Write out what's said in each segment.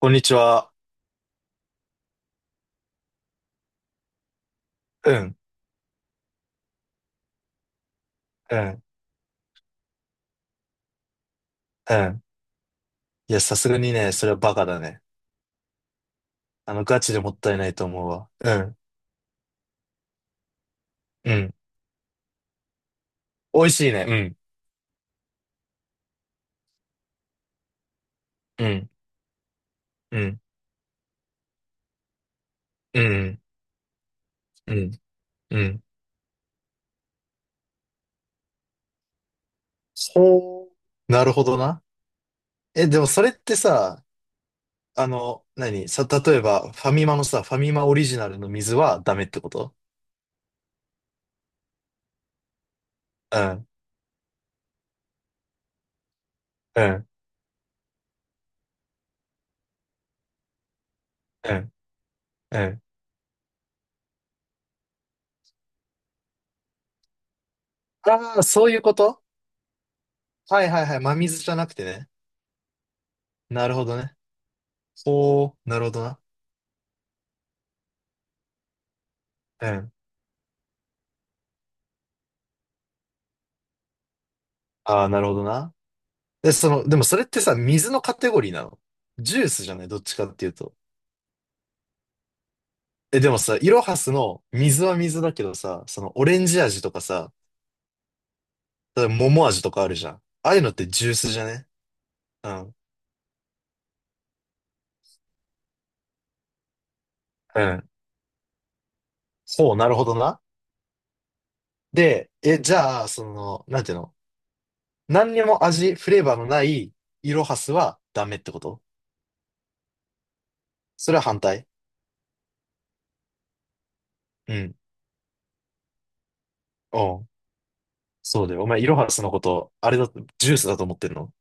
こんにちは。うん、うん、うん。いや、さすがにね、それはバカだね。ガチでもったいないと思うわ。うん、うん。美味しいね。うん、うん、うん、うん、うん、うん。ほう。なるほどな。え、でもそれってさ、何さ、例えば、ファミマのさ、ファミマオリジナルの水はダメってこと？うん、うん、うん、うん。ああ、そういうこと？はいはいはい。真水じゃなくてね。なるほどね。ほう、なるほどな。うん。ああ、なるほどな。で、その、でもそれってさ、水のカテゴリーなの？ジュースじゃないどっちかっていうと。え、でもさ、イロハスの水は水だけどさ、そのオレンジ味とかさ、例えば桃味とかあるじゃん。ああいうのってジュースじゃね？うん。うん。そう、なるほどな。で、え、じゃあ、その、なんていうの？何にも味、フレーバーのないイロハスはダメってこと？それは反対？うん。おう。そうだよ。お前、イロハスのこと、あれだ、ジュースだと思ってんの？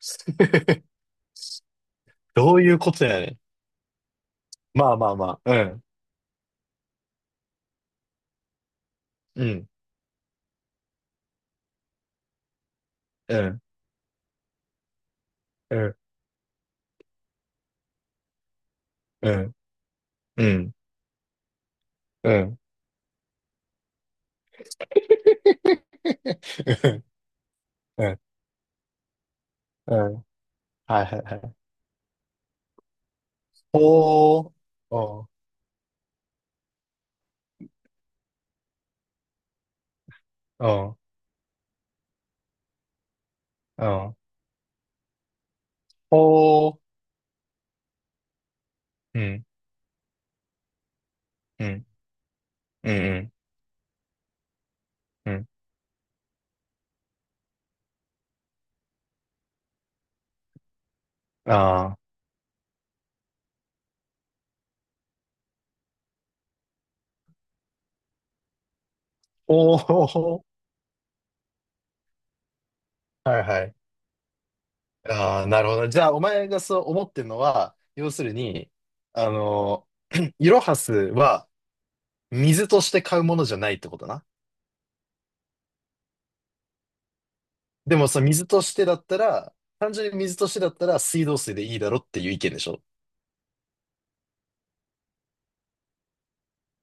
どういうことやねん。まあまあまあ。うん。うん、うん、うん、うん、うん、うん、うん、うん、はいはいはい。ほー、おー、おー、おー、ほー、うん、うん、うん、うん、うん、あー、ほー、ほーほー。はいはい。あー、なるほど。じゃあ、お前がそう思ってるのは、要するに、あのイロハスは水として買うものじゃないってことな。でも、その水としてだったら、単純に水としてだったら水道水でいいだろっていう意見でしょ？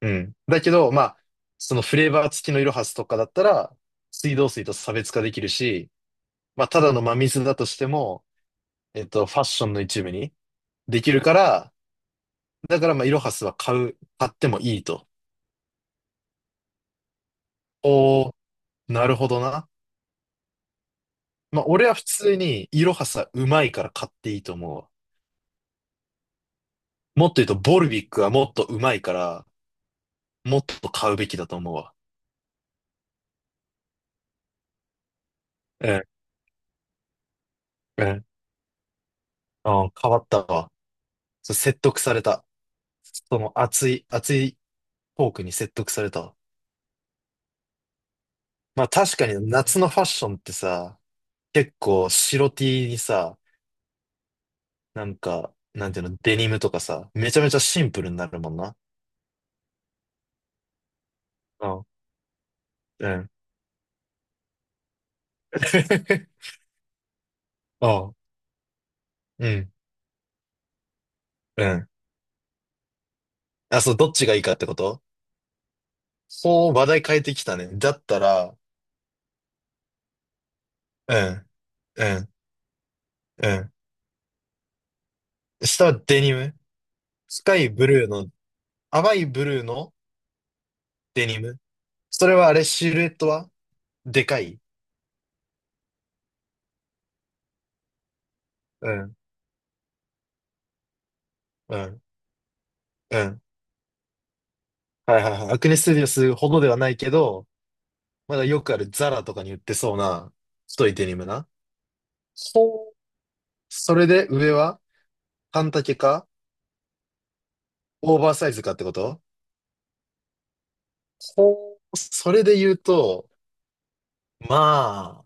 うん。だけど、まあ、そのフレーバー付きのイロハスとかだったら、水道水と差別化できるし、まあ、ただの真水だとしても、ファッションの一部にできるから、だから、まあ、イロハスは買ってもいいと。おー、なるほどな。まあ、俺は普通に、イロハスはうまいから買っていいと思うわ。もっと言うと、ボルビックはもっとうまいから、もっと買うべきだと思うわ。うん、うん、うん、変わったわ。そう説得された。その熱い、熱いトークに説得されたわ。まあ確かに夏のファッションってさ、結構白 T にさ、なんか、なんていうの、デニムとかさ、めちゃめちゃシンプルになるもんな。うん。うん。あ、うん。うん。あ、そう、どっちがいいかってこと？ほう、話題変えてきたね。だったら、うん、うん、うん。下はデニム。スカイブルーの、淡いブルーのデニム。それはあれ、シルエットはでかい？うん、うん、うん。はいはいはい。アクネスティディオスほどではないけど、まだよくあるザラとかに売ってそうな太いデニムな。ほう、それで上は半丈かオーバーサイズかってこと？ほう、それで言うと、まあ、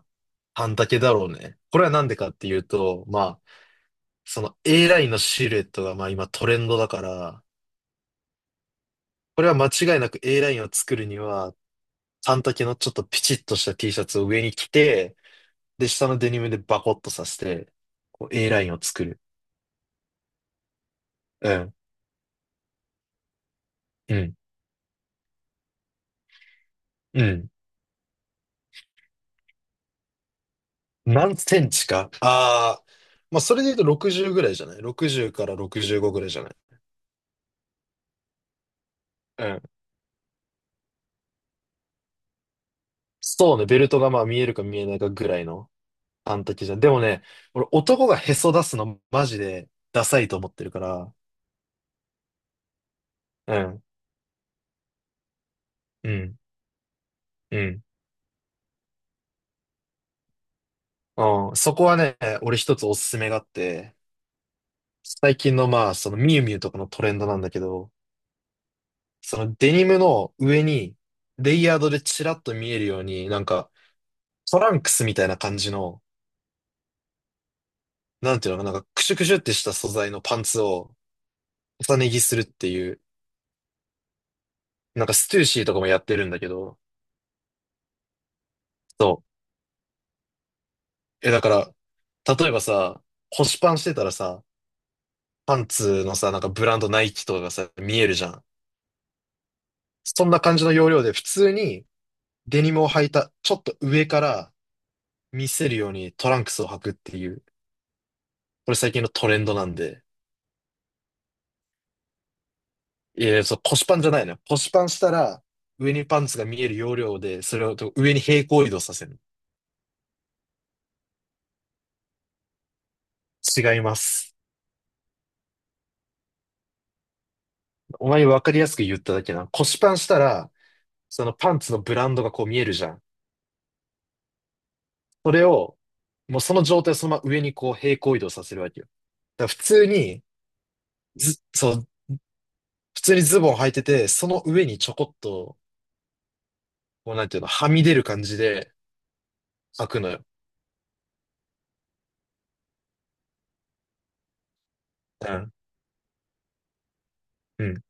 半丈だろうね。これはなんでかっていうと、まあ、その A ラインのシルエットがまあ今トレンドだから、これは間違いなく A ラインを作るには、半丈のちょっとピチッとした T シャツを上に着て、で、下のデニムでバコッとさせて、こう A ラインを作る。うん、うん、うん。何センチか。ああ、まあ、それで言うと60ぐらいじゃない？ 60 から65ぐらいじゃない？うん。そうね、ベルトがまあ見えるか見えないかぐらいの半丈じゃん。でもね、俺男がへそ出すのマジでダサいと思ってるから。うん、うん、うん。うん、そこはね、俺一つおすすめがあって、最近のまあ、そのミュウミュウとかのトレンドなんだけど、そのデニムの上に、レイヤードでチラッと見えるように、なんか、トランクスみたいな感じの、なんていうのかな、なんかクシュクシュってした素材のパンツを重ね着するっていう、なんかステューシーとかもやってるんだけど、そう。え、だから、例えばさ、腰パンしてたらさ、パンツのさ、なんかブランドナイキとかがさ、見えるじゃん。そんな感じの要領で普通にデニムを履いた、ちょっと上から見せるようにトランクスを履くっていう、これ最近のトレンドなんで。いや、そう、腰パンじゃないのよ。腰パンしたら、上にパンツが見える要領で、それを上に平行移動させる。違います。お前に分かりやすく言っただけな。腰パンしたら、そのパンツのブランドがこう見えるじゃん。それを、もうその状態をそのまま上にこう平行移動させるわけよ。だから普通に、ず、そう、普通にズボン履いてて、その上にちょこっと、こうなんていうの、はみ出る感じで履くのよ。うん。うん。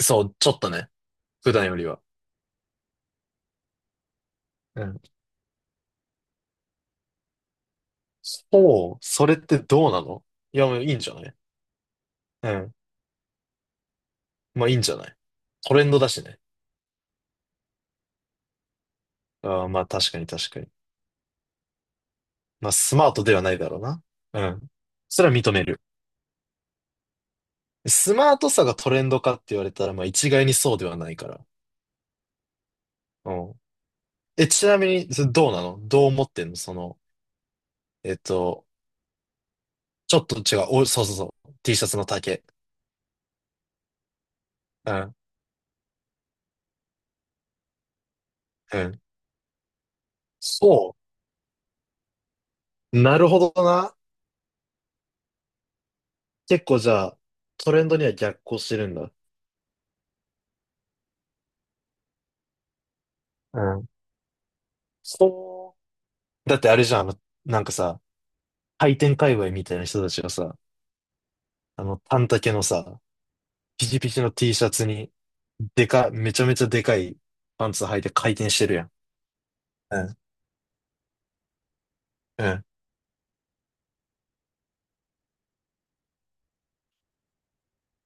そう、ちょっとね。普段よりは。うん。そう、それってどうなの？いや、もういいんじゃない？うん。まあいいんじゃない？トレンドだしね。ああ、まあ確かに確かに。まあ、スマートではないだろうな。うん。それは認める。スマートさがトレンドかって言われたら、まあ、一概にそうではないから。うん。え、ちなみに、それどうなの？どう思ってんの、その、えっと、ちょっと違う。お、そうそうそう。T シャツの丈。うん。うん。そう。なるほどな。結構じゃあ、トレンドには逆行してるんだ。うん。そう。だってあれじゃん、なんかさ、回転界隈みたいな人たちがさ、短丈のさ、ピチピチの T シャツに、めちゃめちゃでかいパンツ履いて回転してるやん。うん、うん、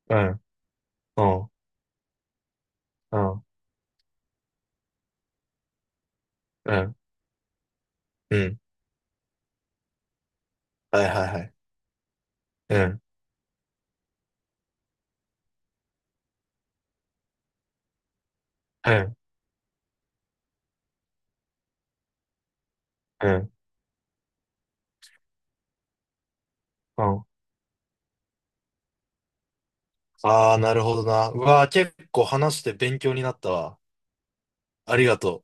うん、うん、うん、うん、うん。はいはいはい。うん、うん、うん、うん。ああ、なるほどな。うわあ、結構話して勉強になったわ。ありがと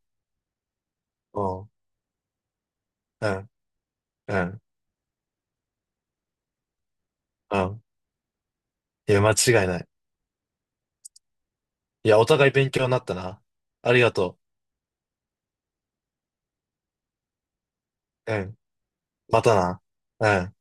う。うん、うん、うん、うん。いや、間違いない。いや、お互い勉強になったな。ありがとう。うん。またな。うん。